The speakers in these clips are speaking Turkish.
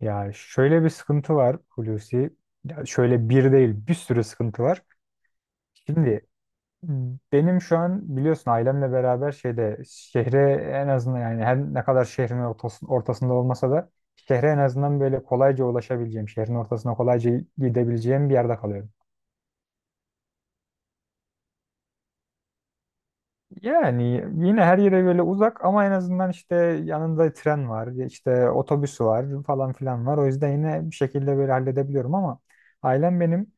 Ya şöyle bir sıkıntı var Hulusi. Ya şöyle bir değil bir sürü sıkıntı var. Şimdi benim şu an biliyorsun ailemle beraber şeyde şehre en azından yani her ne kadar şehrin ortasında olmasa da şehre en azından böyle kolayca ulaşabileceğim, şehrin ortasına kolayca gidebileceğim bir yerde kalıyorum. Yani yine her yere böyle uzak ama en azından işte yanında tren var, işte otobüsü var falan filan var. O yüzden yine bir şekilde böyle halledebiliyorum ama ailem benim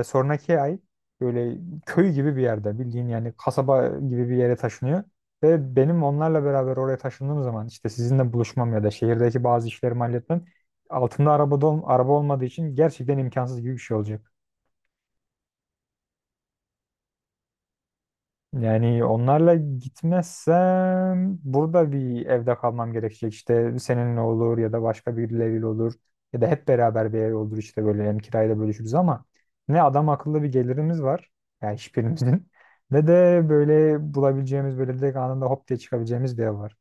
sonraki ay böyle köy gibi bir yerde bildiğin yani kasaba gibi bir yere taşınıyor. Ve benim onlarla beraber oraya taşındığım zaman işte sizinle buluşmam ya da şehirdeki bazı işlerimi halletmem altında araba olmadığı için gerçekten imkansız gibi bir şey olacak. Yani onlarla gitmezsem burada bir evde kalmam gerekecek. İşte seninle olur ya da başka birileriyle olur. Ya da hep beraber bir ev olur işte böyle hem kirayla bölüşürüz ama ne adam akıllı bir gelirimiz var. Yani hiçbirimizin. Ne de böyle bulabileceğimiz böyle direkt anında hop diye çıkabileceğimiz bir ev var.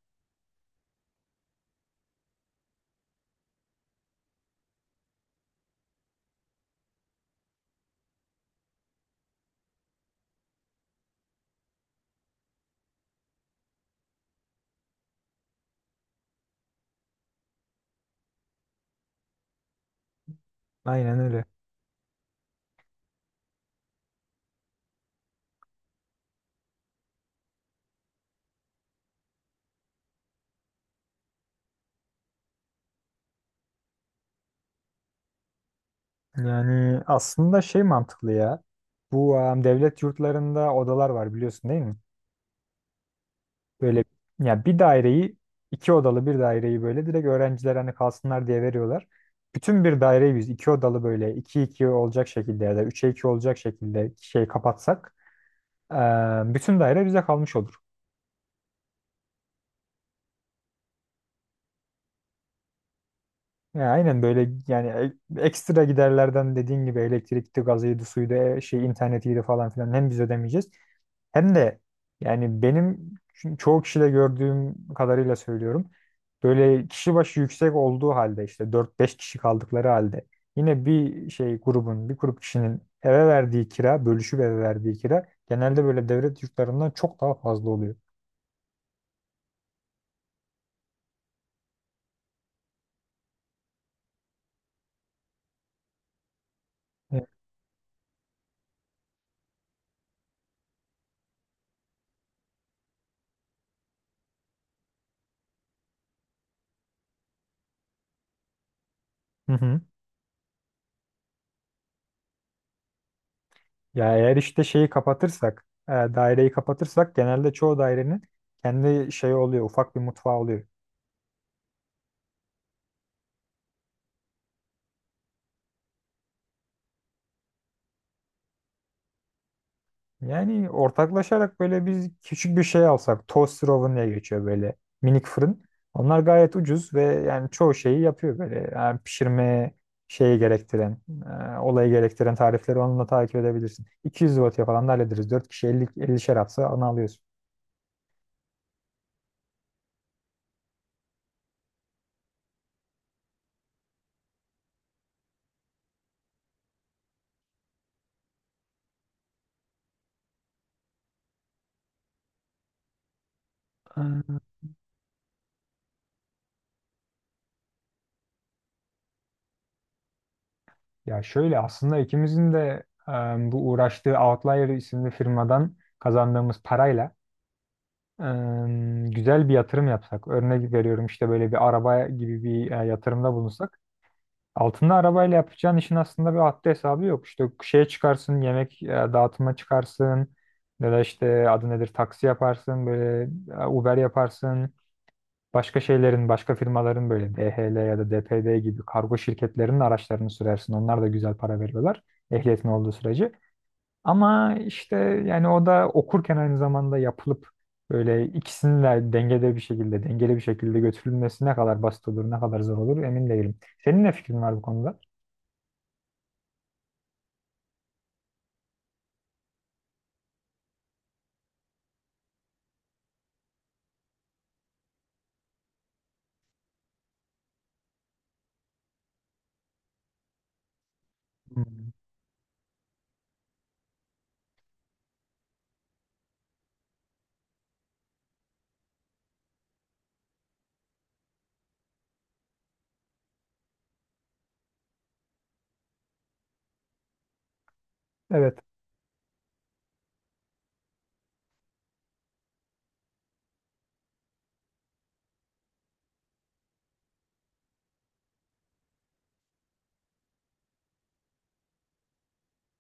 Aynen öyle. Yani aslında şey mantıklı ya. Bu devlet yurtlarında odalar var biliyorsun değil mi? Böyle ya bir daireyi iki odalı bir daireyi böyle direkt öğrenciler hani kalsınlar diye veriyorlar. Bütün bir daireyi biz iki odalı böyle iki iki olacak şekilde ya da üçe iki olacak şekilde şey kapatsak, bütün daire bize kalmış olur. Ya aynen böyle yani ekstra giderlerden dediğin gibi elektrikti, gazıydı, suydu, şey internetiydi falan filan hem biz ödemeyeceğiz. Hem de yani benim çoğu kişide gördüğüm kadarıyla söylüyorum. Böyle kişi başı yüksek olduğu halde işte dört beş kişi kaldıkları halde yine bir grup kişinin eve verdiği kira, bölüşüp eve verdiği kira genelde böyle devlet yurtlarından çok daha fazla oluyor. Evet. Hı hı. Ya eğer işte şeyi kapatırsak, daireyi kapatırsak genelde çoğu dairenin kendi şey oluyor, ufak bir mutfağı oluyor. Yani ortaklaşarak böyle biz küçük bir şey alsak, toaster oven diye geçiyor böyle minik fırın. Onlar gayet ucuz ve yani çoğu şeyi yapıyor böyle. Yani pişirme şeyi gerektiren, olayı gerektiren tarifleri onunla takip edebilirsin. 200 wattya falan da hallederiz. Dört kişi 50 ellişer atsa onu alıyorsun. Ee, Ya şöyle aslında ikimizin de bu uğraştığı Outlier isimli firmadan kazandığımız parayla e, güzel bir yatırım yapsak. Örnek veriyorum işte böyle bir araba gibi bir yatırımda bulunsak. Altında arabayla yapacağın işin aslında bir haddi hesabı yok. İşte şeye çıkarsın, yemek dağıtıma çıkarsın ya da işte adı nedir taksi yaparsın, böyle Uber yaparsın. Başka şeylerin, başka firmaların böyle DHL ya da DPD gibi kargo şirketlerinin araçlarını sürersin. Onlar da güzel para veriyorlar ehliyetin olduğu sürece. Ama işte yani o da okurken aynı zamanda yapılıp böyle ikisinin de dengede bir şekilde, dengeli bir şekilde götürülmesi ne kadar basit olur, ne kadar zor olur emin değilim. Senin ne fikrin var bu konuda? Hmm. Evet.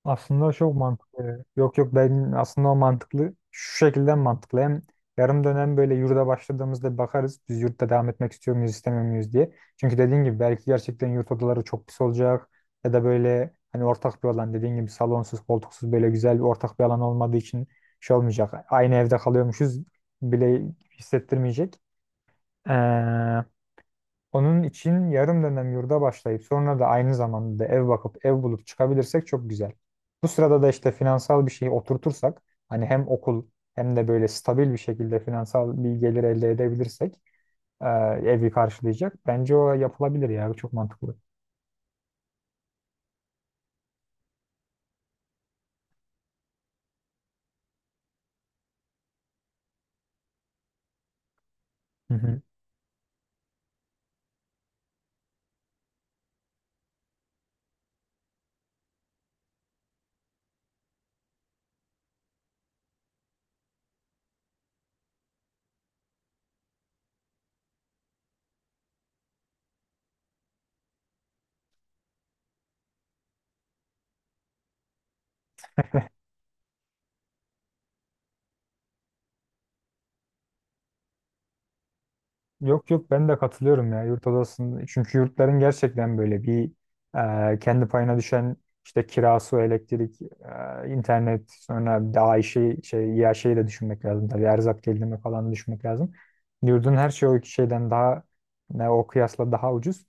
Aslında çok mantıklı. Yok yok, ben aslında o mantıklı. Şu şekilde mantıklı. Hem yarım dönem böyle yurda başladığımızda bakarız. Biz yurtta devam etmek istiyor muyuz, istemiyor muyuz diye. Çünkü dediğin gibi belki gerçekten yurt odaları çok pis olacak. Ya da böyle hani ortak bir alan dediğin gibi salonsuz, koltuksuz böyle güzel bir ortak bir alan olmadığı için şey olmayacak. Aynı evde kalıyormuşuz bile hissettirmeyecek. Ee, Onun için yarım dönem yurda başlayıp sonra da aynı zamanda da ev bakıp ev bulup çıkabilirsek çok güzel. Bu sırada da işte finansal bir şeyi oturtursak hani hem okul hem de böyle stabil bir şekilde finansal bir gelir elde edebilirsek e, evi karşılayacak. Bence o yapılabilir ya çok mantıklı. Yok yok, ben de katılıyorum ya yurt odasının. Çünkü yurtların gerçekten böyle bir kendi payına düşen işte kirası, elektrik, internet sonra daha işi şey ya şeyi de düşünmek lazım. Tabii erzak gelirimi falan da düşünmek lazım. Yurdun her şeyi o iki şeyden daha ne o kıyasla daha ucuz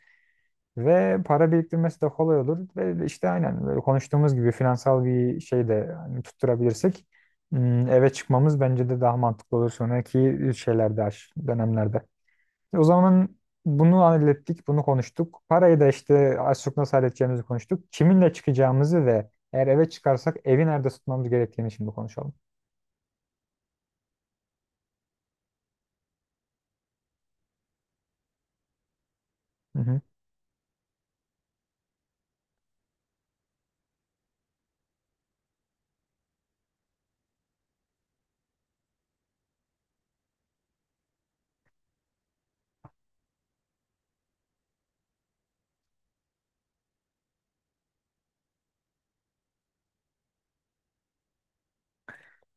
ve para biriktirmesi de kolay olur ve işte aynen böyle konuştuğumuz gibi finansal bir şey de hani tutturabilirsek, eve çıkmamız bence de daha mantıklı olur sonraki şeylerde dönemlerde. O zaman bunu hallettik, bunu konuştuk. Parayı da işte az çok nasıl halledeceğimizi konuştuk. Kiminle çıkacağımızı ve eğer eve çıkarsak evi nerede tutmamız gerektiğini şimdi konuşalım. Hı hı.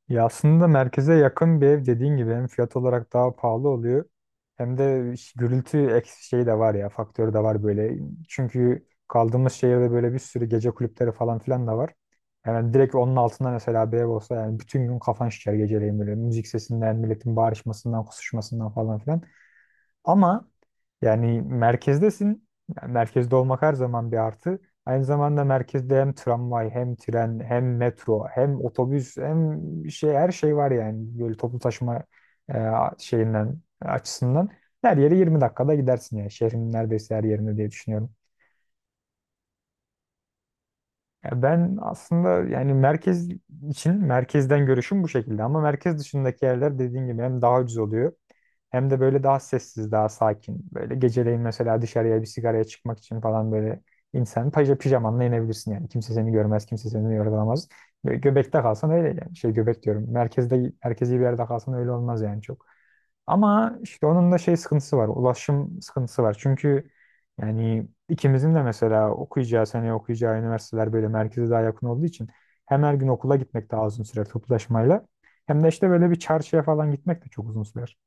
Ya aslında merkeze yakın bir ev dediğin gibi hem fiyat olarak daha pahalı oluyor hem de gürültü eksi şeyi de var ya faktörü de var böyle. Çünkü kaldığımız şehirde böyle bir sürü gece kulüpleri falan filan da var. Yani direkt onun altında mesela bir ev olsa yani bütün gün kafan şişer geceleyin böyle müzik sesinden, milletin bağırışmasından, kusuşmasından falan filan. Ama yani merkezdesin. Yani merkezde olmak her zaman bir artı. Aynı zamanda merkezde hem tramvay, hem tren, hem metro, hem otobüs, hem şey her şey var yani. Böyle toplu taşıma e, şeyinden açısından her yere 20 dakikada gidersin yani. Şehrin neredeyse her yerinde diye düşünüyorum. Ya ben aslında yani merkez için merkezden görüşüm bu şekilde ama merkez dışındaki yerler dediğin gibi hem daha ucuz oluyor hem de böyle daha sessiz, daha sakin. Böyle geceleyin mesela dışarıya bir sigaraya çıkmak için falan böyle insan pijamanla inebilirsin yani. Kimse seni görmez, kimse seni yorgulamaz. Böyle göbekte kalsan öyle yani. Şey göbek diyorum. Merkezde merkezi bir yerde kalsan öyle olmaz yani çok. Ama işte onun da şey sıkıntısı var. Ulaşım sıkıntısı var. Çünkü yani ikimizin de mesela okuyacağı seneye okuyacağı üniversiteler böyle merkeze daha yakın olduğu için hem her gün okula gitmek daha uzun sürer toplu taşımayla hem de işte böyle bir çarşıya falan gitmek de çok uzun sürer.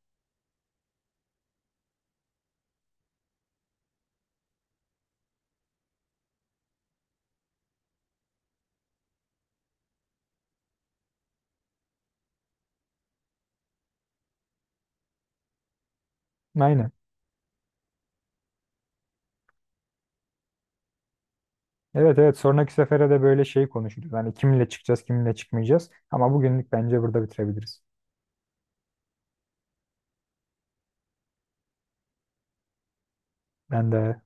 Aynen. Evet, evet, sonraki sefere de böyle şey konuşuruz. Hani kiminle çıkacağız kiminle çıkmayacağız. Ama bugünlük bence burada bitirebiliriz. Ben de